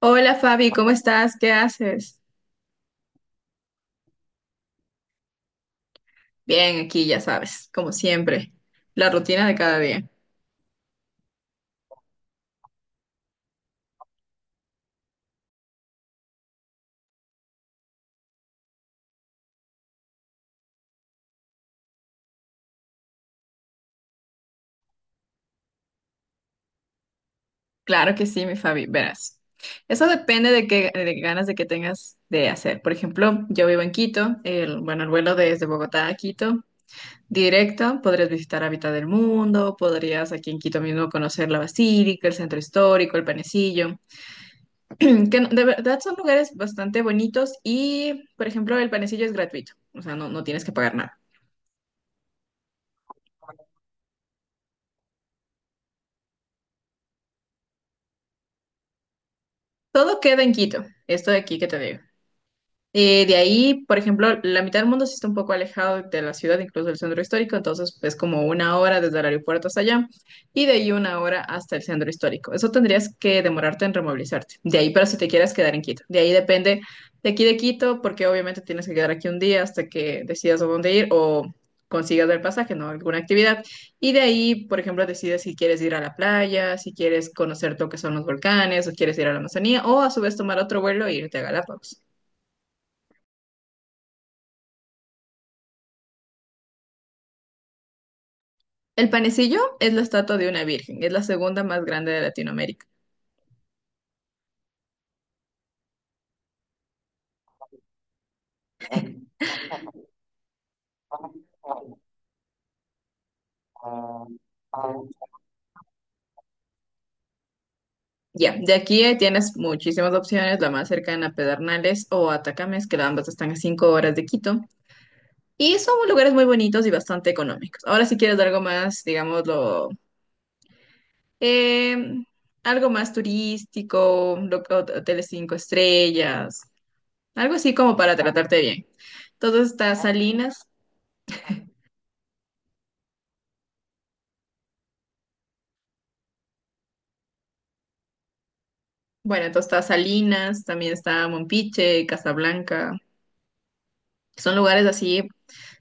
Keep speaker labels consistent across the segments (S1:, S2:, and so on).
S1: Hola Fabi, ¿cómo estás? ¿Qué haces? Bien, aquí ya sabes, como siempre, la rutina de cada día. Claro que sí, mi Fabi, verás. Eso depende de qué ganas de que tengas de hacer. Por ejemplo, yo vivo en Quito, el vuelo desde Bogotá a Quito, directo, podrías visitar Hábitat del Mundo, podrías aquí en Quito mismo conocer la Basílica, el Centro Histórico, el Panecillo, que no- de verdad son lugares bastante bonitos y, por ejemplo, el Panecillo es gratuito, o sea, no tienes que pagar nada. Todo queda en Quito, esto de aquí que te digo. De ahí, por ejemplo, la mitad del mundo sí está un poco alejado de la ciudad, incluso del centro histórico, entonces es como una hora desde el aeropuerto hasta allá y de ahí una hora hasta el centro histórico. Eso tendrías que demorarte en removilizarte. De ahí, pero si te quieres quedar en Quito. De ahí depende de aquí de Quito, porque obviamente tienes que quedar aquí un día hasta que decidas a dónde ir o consigas el pasaje, ¿no? Alguna actividad. Y de ahí, por ejemplo, decides si quieres ir a la playa, si quieres conocer lo que son los volcanes, o quieres ir a la Amazonía, o a su vez tomar otro vuelo e irte a Galápagos. El panecillo es la estatua de una virgen, es la segunda más grande de Latinoamérica. Ya, de aquí tienes muchísimas opciones, la más cercana a Pedernales o Atacames, que ambas están a 5 horas de Quito, y son lugares muy bonitos y bastante económicos. Ahora, si quieres algo más, digámoslo, em, algo más turístico, hoteles 5 estrellas, algo así como para tratarte bien. Entonces está Salinas, bueno, entonces está Salinas, también está Mompiche, Casablanca, son lugares así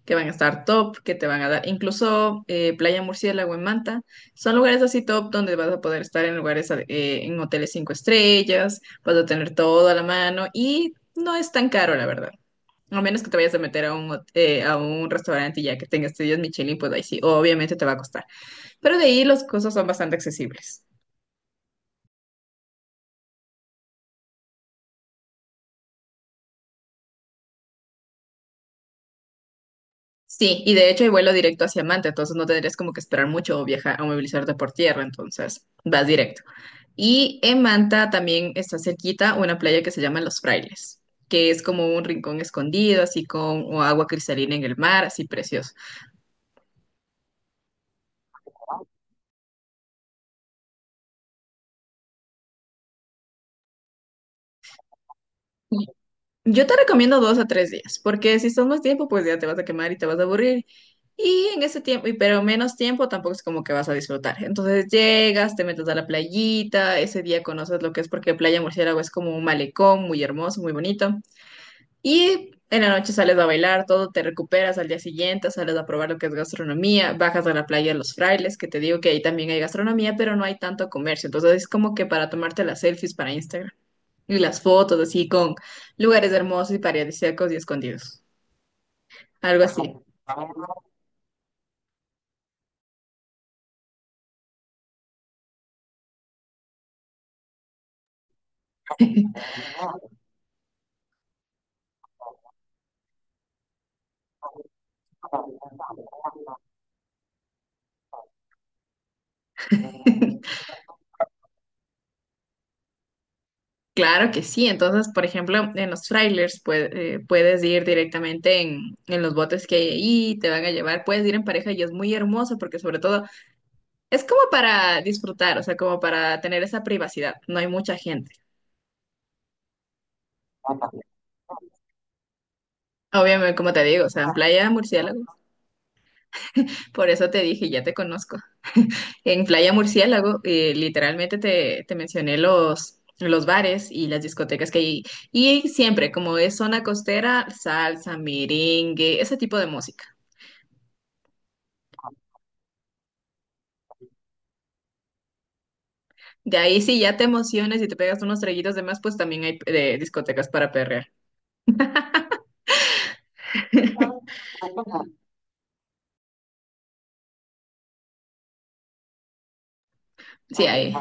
S1: que van a estar top, que te van a dar, incluso Playa Murciélago en Manta, son lugares así top donde vas a poder estar en lugares, en hoteles 5 estrellas, vas a tener todo a la mano y no es tan caro, la verdad. A menos que te vayas a meter a a un restaurante y ya que tengas estudios Michelin, pues ahí sí, obviamente te va a costar. Pero de ahí las cosas son bastante accesibles. Sí, y de hecho hay vuelo directo hacia Manta, entonces no tendrías como que esperar mucho o viajar o movilizarte por tierra, entonces vas directo. Y en Manta también está cerquita una playa que se llama Los Frailes, que es como un rincón escondido, así con o agua cristalina en el mar, así precioso. Yo te recomiendo 2 a 3 días, porque si son más tiempo, pues ya te vas a quemar y te vas a aburrir. Y en ese tiempo, y pero menos tiempo, tampoco es como que vas a disfrutar. Entonces llegas, te metes a la playita, ese día conoces lo que es, porque Playa Murciélago es como un malecón muy hermoso, muy bonito. Y en la noche sales a bailar, todo, te recuperas al día siguiente, sales a probar lo que es gastronomía, bajas a la playa de los Frailes, que te digo que ahí también hay gastronomía, pero no hay tanto comercio. Entonces es como que para tomarte las selfies para Instagram y las fotos así con lugares hermosos y paradisíacos y escondidos. Algo así. Claro que sí. Entonces, por ejemplo, en los trailers puedes ir directamente en los botes que hay ahí, te van a llevar, puedes ir en pareja y es muy hermoso porque sobre todo es como para disfrutar, o sea, como para tener esa privacidad. No hay mucha gente. Obviamente, como te digo, o sea, en Playa Murciélago, por eso te dije, ya te conozco. En Playa Murciélago, literalmente te mencioné los bares y las discotecas que hay. Y siempre, como es zona costera, salsa, merengue, ese tipo de música. De ahí, si ya te emociones y te pegas unos traguitos de más, pues también hay discotecas para perrear. Sí, hay.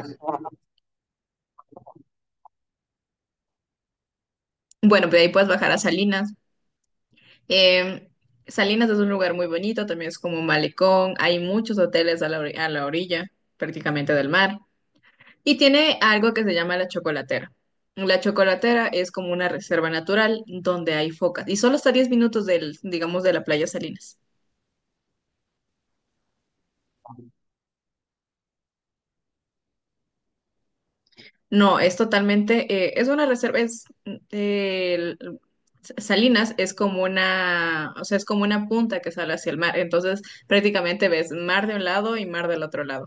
S1: Bueno, pues de ahí puedes bajar a Salinas. Eh, Salinas es un lugar muy bonito, también es como un malecón, hay muchos hoteles a la orilla prácticamente del mar y tiene algo que se llama la chocolatera. La chocolatera es como una reserva natural donde hay focas y solo está a 10 minutos del, digamos, de la playa Salinas. No, es totalmente, es una reserva, Salinas es como una, o sea, es como una punta que sale hacia el mar, entonces prácticamente ves mar de un lado y mar del otro lado.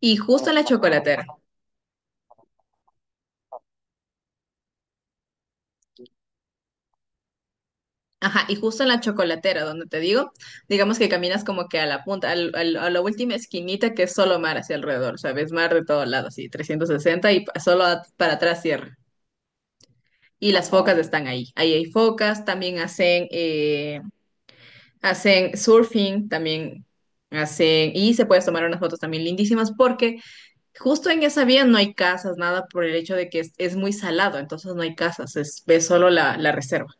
S1: Y justo en la chocolatera. Ajá, y justo en la chocolatera, donde te digo, digamos que caminas como que a la punta, a la última esquinita que es solo mar hacia alrededor, ¿sabes? Mar de todos lados, así, 360 para atrás cierra. Y las focas están ahí. Ahí hay focas, también hacen, hacen surfing, y se puedes tomar unas fotos también lindísimas porque justo en esa vía no hay casas, nada por el hecho de que es muy salado, entonces no hay casas, ves solo la reserva.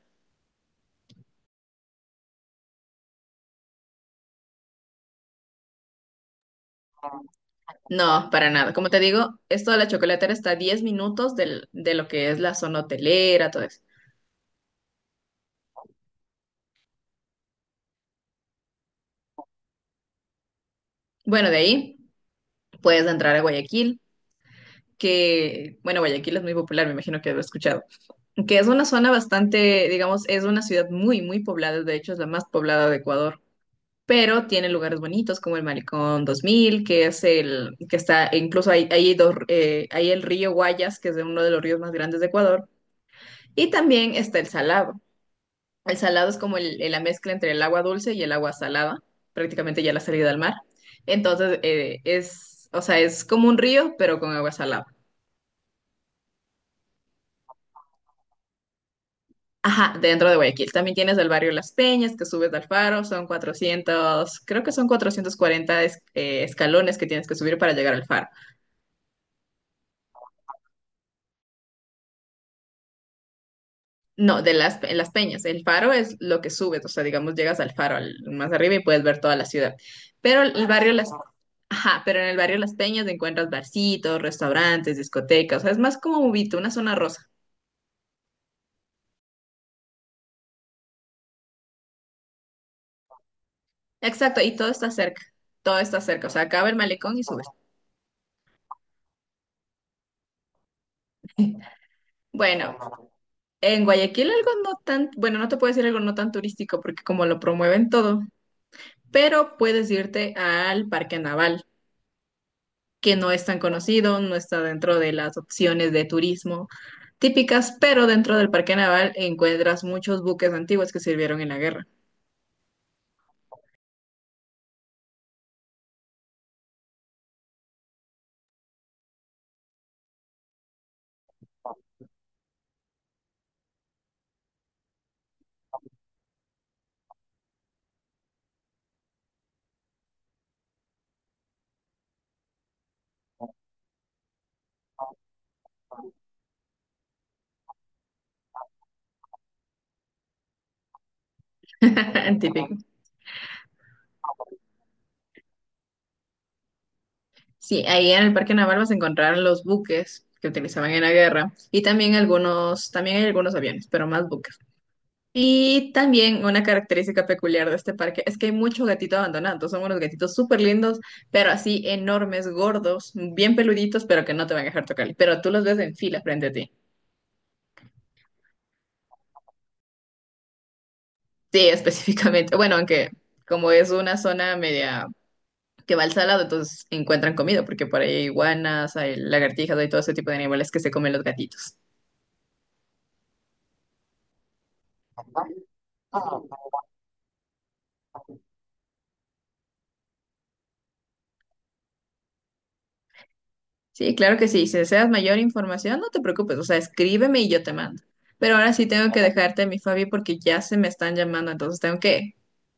S1: No, para nada. Como te digo, esto de la chocolatera está a 10 minutos de lo que es la zona hotelera, todo eso. Bueno, de ahí puedes entrar a Guayaquil, que, bueno, Guayaquil es muy popular, me imagino que lo he escuchado, que es una zona bastante, digamos, es una ciudad muy, muy poblada, de hecho es la más poblada de Ecuador, pero tiene lugares bonitos como el Malecón 2000, que es el, que está, e incluso hay el río Guayas, que es de uno de los ríos más grandes de Ecuador, y también está el Salado. El salado es como la mezcla entre el agua dulce y el agua salada, prácticamente ya la salida al mar. Entonces, o sea, es como un río, pero con agua salada. Ajá, dentro de Guayaquil. También tienes el barrio Las Peñas, que subes al faro, son 400, creo que son 440 escalones que tienes que subir para llegar al faro. No, en las peñas. El faro es lo que subes, o sea, digamos, llegas al faro más arriba y puedes ver toda la ciudad. Pero el barrio Las... Ajá, pero en el barrio Las Peñas encuentras barcitos, restaurantes, discotecas, o sea, es más como Ubito, una zona rosa. Exacto, y todo está cerca, o sea, acaba el malecón y subes. Bueno, en Guayaquil algo no tan, bueno, no te puedo decir algo no tan turístico porque como lo promueven todo, pero puedes irte al Parque Naval, que no es tan conocido, no está dentro de las opciones de turismo típicas, pero dentro del parque naval encuentras muchos buques antiguos que sirvieron en la guerra. Típico. Sí, ahí en el parque naval vas a encontrar los buques que utilizaban en la guerra y también hay algunos aviones, pero más buques. Y también una característica peculiar de este parque es que hay mucho gatito abandonado. Son unos gatitos súper lindos, pero así enormes, gordos, bien peluditos, pero que no te van a dejar tocar. Pero tú los ves en fila frente a ti. Sí, específicamente. Bueno, aunque como es una zona media que va al salado, entonces encuentran comida, porque por ahí hay iguanas, hay lagartijas, hay todo ese tipo de animales que se comen los gatitos. Sí, claro que sí. Si deseas mayor información, no te preocupes, o sea, escríbeme y yo te mando. Pero ahora sí tengo que dejarte, mi Fabi, porque ya se me están llamando, entonces tengo que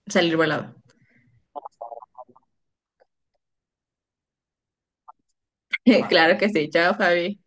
S1: salir volado. Claro que sí. Chao, Fabi.